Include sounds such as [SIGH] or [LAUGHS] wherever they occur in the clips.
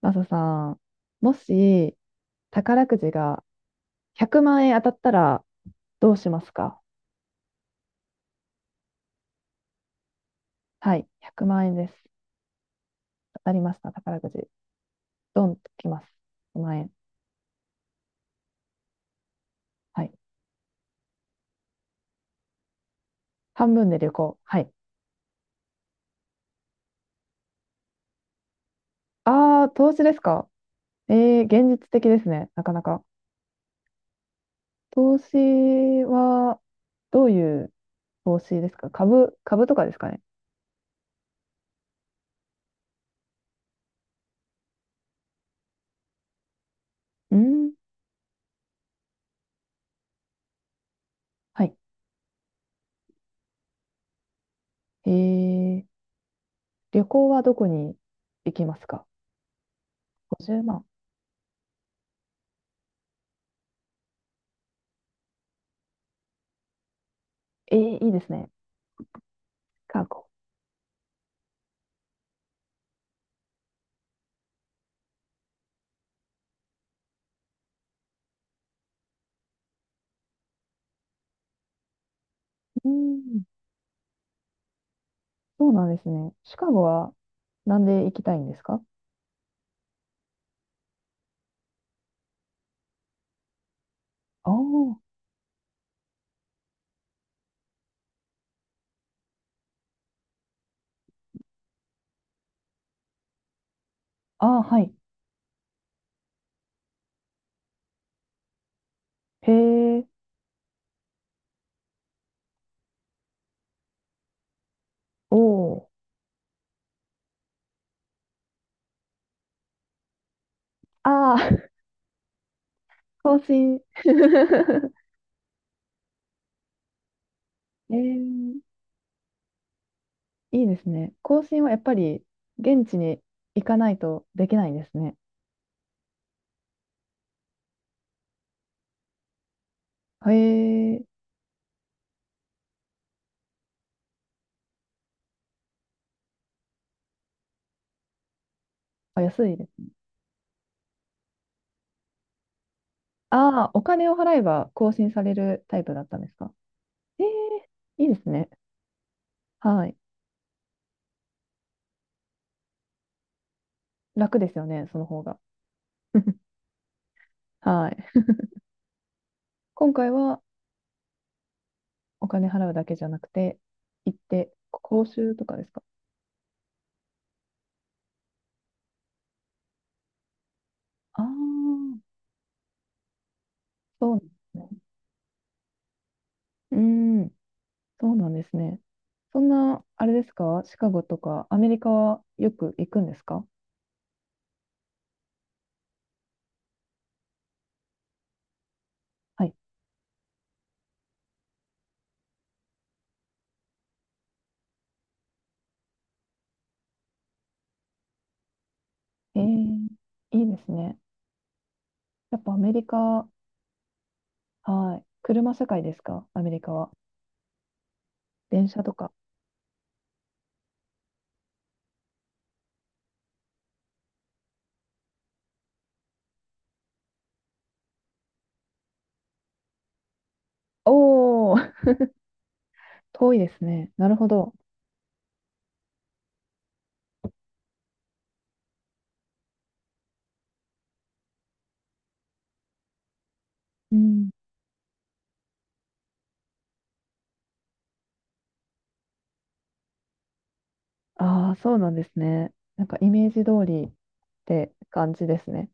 マサさん、もし宝くじが100万円当たったらどうしますか？はい、100万円です。当たりました、宝くじ。ドンときます。1万円。はい。半分で旅行。はい。ああ、投資ですか？現実的ですね、なかなか。投資は、どういう投資ですか？株とかですかね？うん。はい。えー、旅行はどこに行きますか？ 50 万。いいですね。シカゴ。うん。そうなんですね。シカゴはなんで行きたいんですか？あーあー、はい。へえ、おお。ああ、[LAUGHS] 更新。[LAUGHS] えー、いいですね。更新はやっぱり現地に行かないとできないんですね。へえ、あ、安いです。ああ、お金を払えば更新されるタイプだったんですか？ええ、いいですね。はい。楽ですよね、その方が。[LAUGHS] はい。今回はお金払うだけじゃなくて、行って、講習とかですか？ああー、そうなんですね。うーん、そうなんですね。そんな、あれですか？シカゴとかアメリカはよく行くんですか？はい。えー、いいですね。やっぱアメリカ、はい。車社会ですか？アメリカは。電車とか。おー、[LAUGHS] 遠いですね。なるほど。うん。ああ、そうなんですね。なんかイメージ通りって感じですね。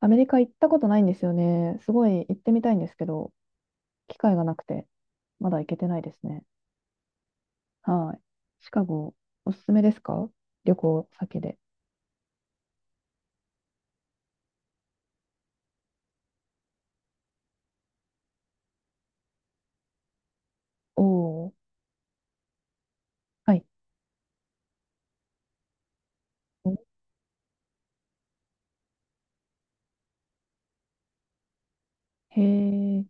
アメリカ行ったことないんですよね。すごい行ってみたいんですけど、機会がなくて、まだ行けてないですね。はい。シカゴ、おすすめですか？旅行先で。おー、はい。へー、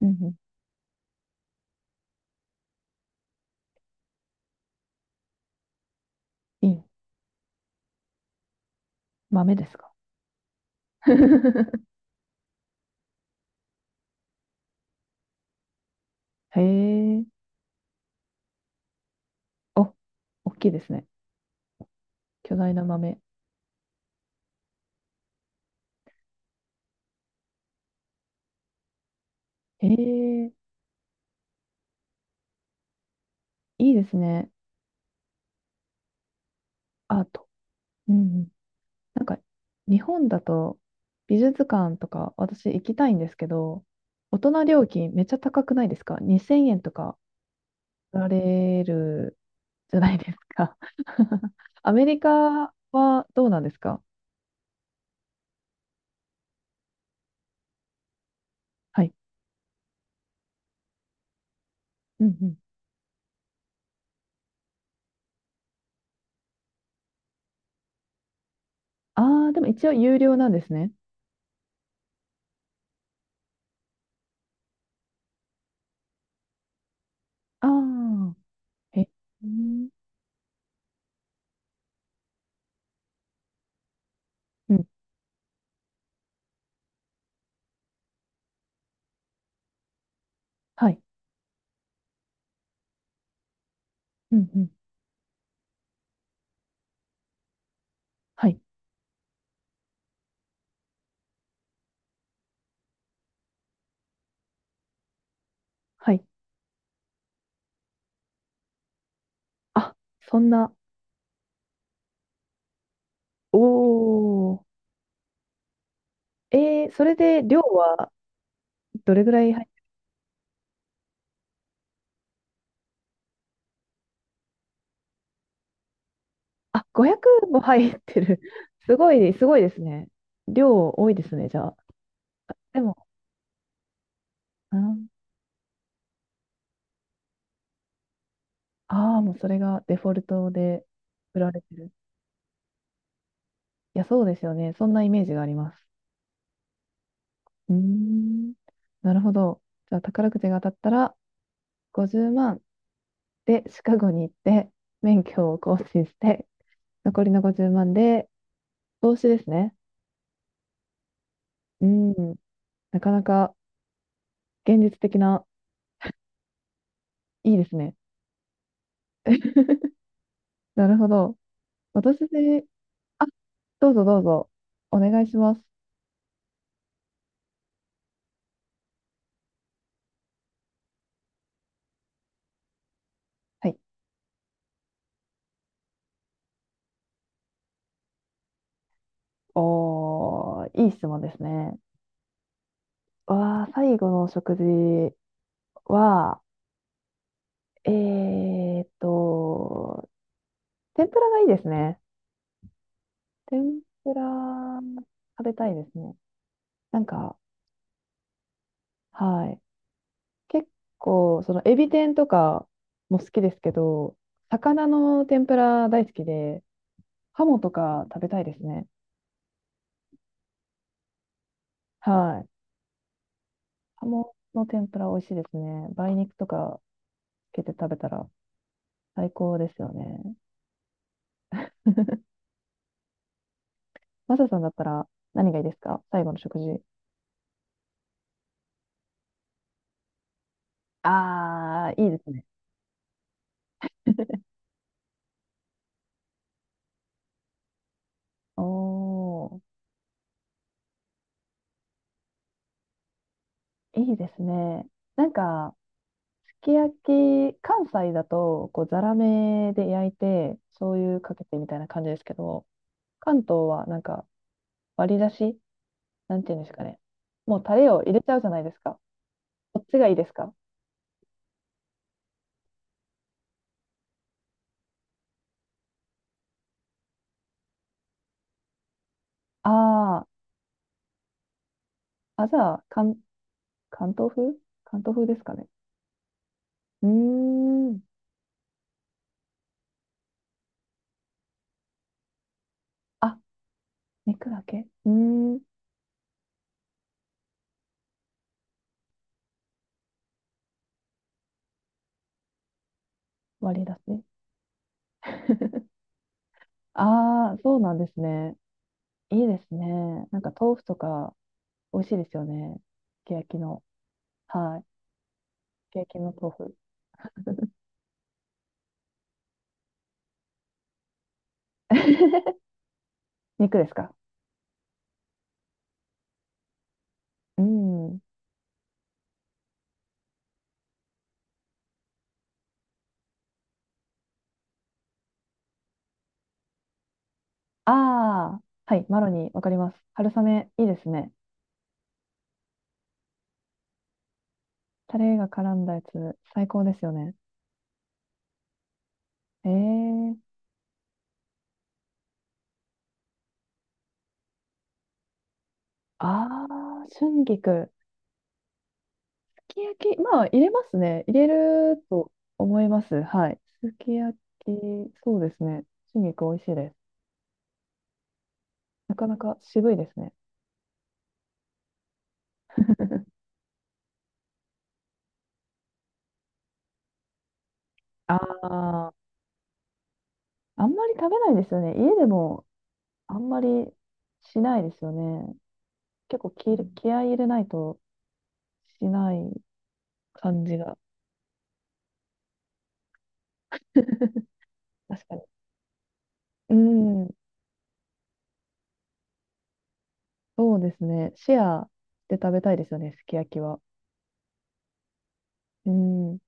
うんうん、いい。豆ですか？ [LAUGHS] へー、お、大きいですね。巨大な豆。へー、いいですね。アート。うん。なんか日本だと美術館とか私行きたいんですけど、大人料金めっちゃ高くないですか？ 2000 円とか取られるじゃないですか。[LAUGHS] アメリカはどうなんですか？はい。うんうん。ああ、でも一応有料なんですね。ああ、え、うん、うん、はい、うん、うん、はい、はい。あ、そんな、おお、それで量はどれぐらい？あ、500も入ってる。[LAUGHS] すごい、すごいですね。量多いですね、じゃあ。でも、うん、ああ、もうそれがデフォルトで売られてる。いや、そうですよね。そんなイメージがあります。うーん。なるほど。じゃあ、宝くじが当たったら、50万でシカゴに行って、免許を更新して、残りの50万で投資ですね。うん。なかなか現実的な、いいですね。[LAUGHS] なるほど。私、あ、どうぞどうぞ、お願いします。はい。おー、いい質問ですね。わー、最後の食事は、えーっと、天ぷらがいいですね。天ぷら食べたいですね。なんか、はい。結構、その、エビ天とかも好きですけど、魚の天ぷら大好きで、ハモとか食べたいですね。はい。ハモの天ぷら美味しいですね。梅肉とかつけて食べたら。最高ですよね。マサさんだったら何がいいですか？最後の食事。ああ、いいですね。おー、いいですね。なんか、すき焼き、関西だと、こう、ざらめで焼いて、醤油かけてみたいな感じですけど、関東はなんか、割り出しなんていうんですかね。もうタレを入れちゃうじゃないですか。こっちがいいですか？あー、あ、じゃあ、関東風関東風ですかね。うーん。あ、肉だけうーん。割り出し。[LAUGHS] ああ、そうなんですね。いいですね。なんか豆腐とか美味しいですよね。すき焼きの。はい。すき焼きの豆腐。[LAUGHS] 肉ですか？うん。ああ、はい。マロニー、わかります。春雨、いいですね。タレが絡んだやつ、最高ですよね。ええーああ、春菊。すき焼き、まあ、入れますね。入れると思います。はい。すき焼き、そうですね。春菊、美味しいです。なかなか渋いですね。ああ、あんまり食べないですよね。家でもあんまりしないですよね。結構気合い入れないとしない感じが。[LAUGHS] 確かに。うん、そうですね。シェアで食べたいですよね、すき焼きは。うん。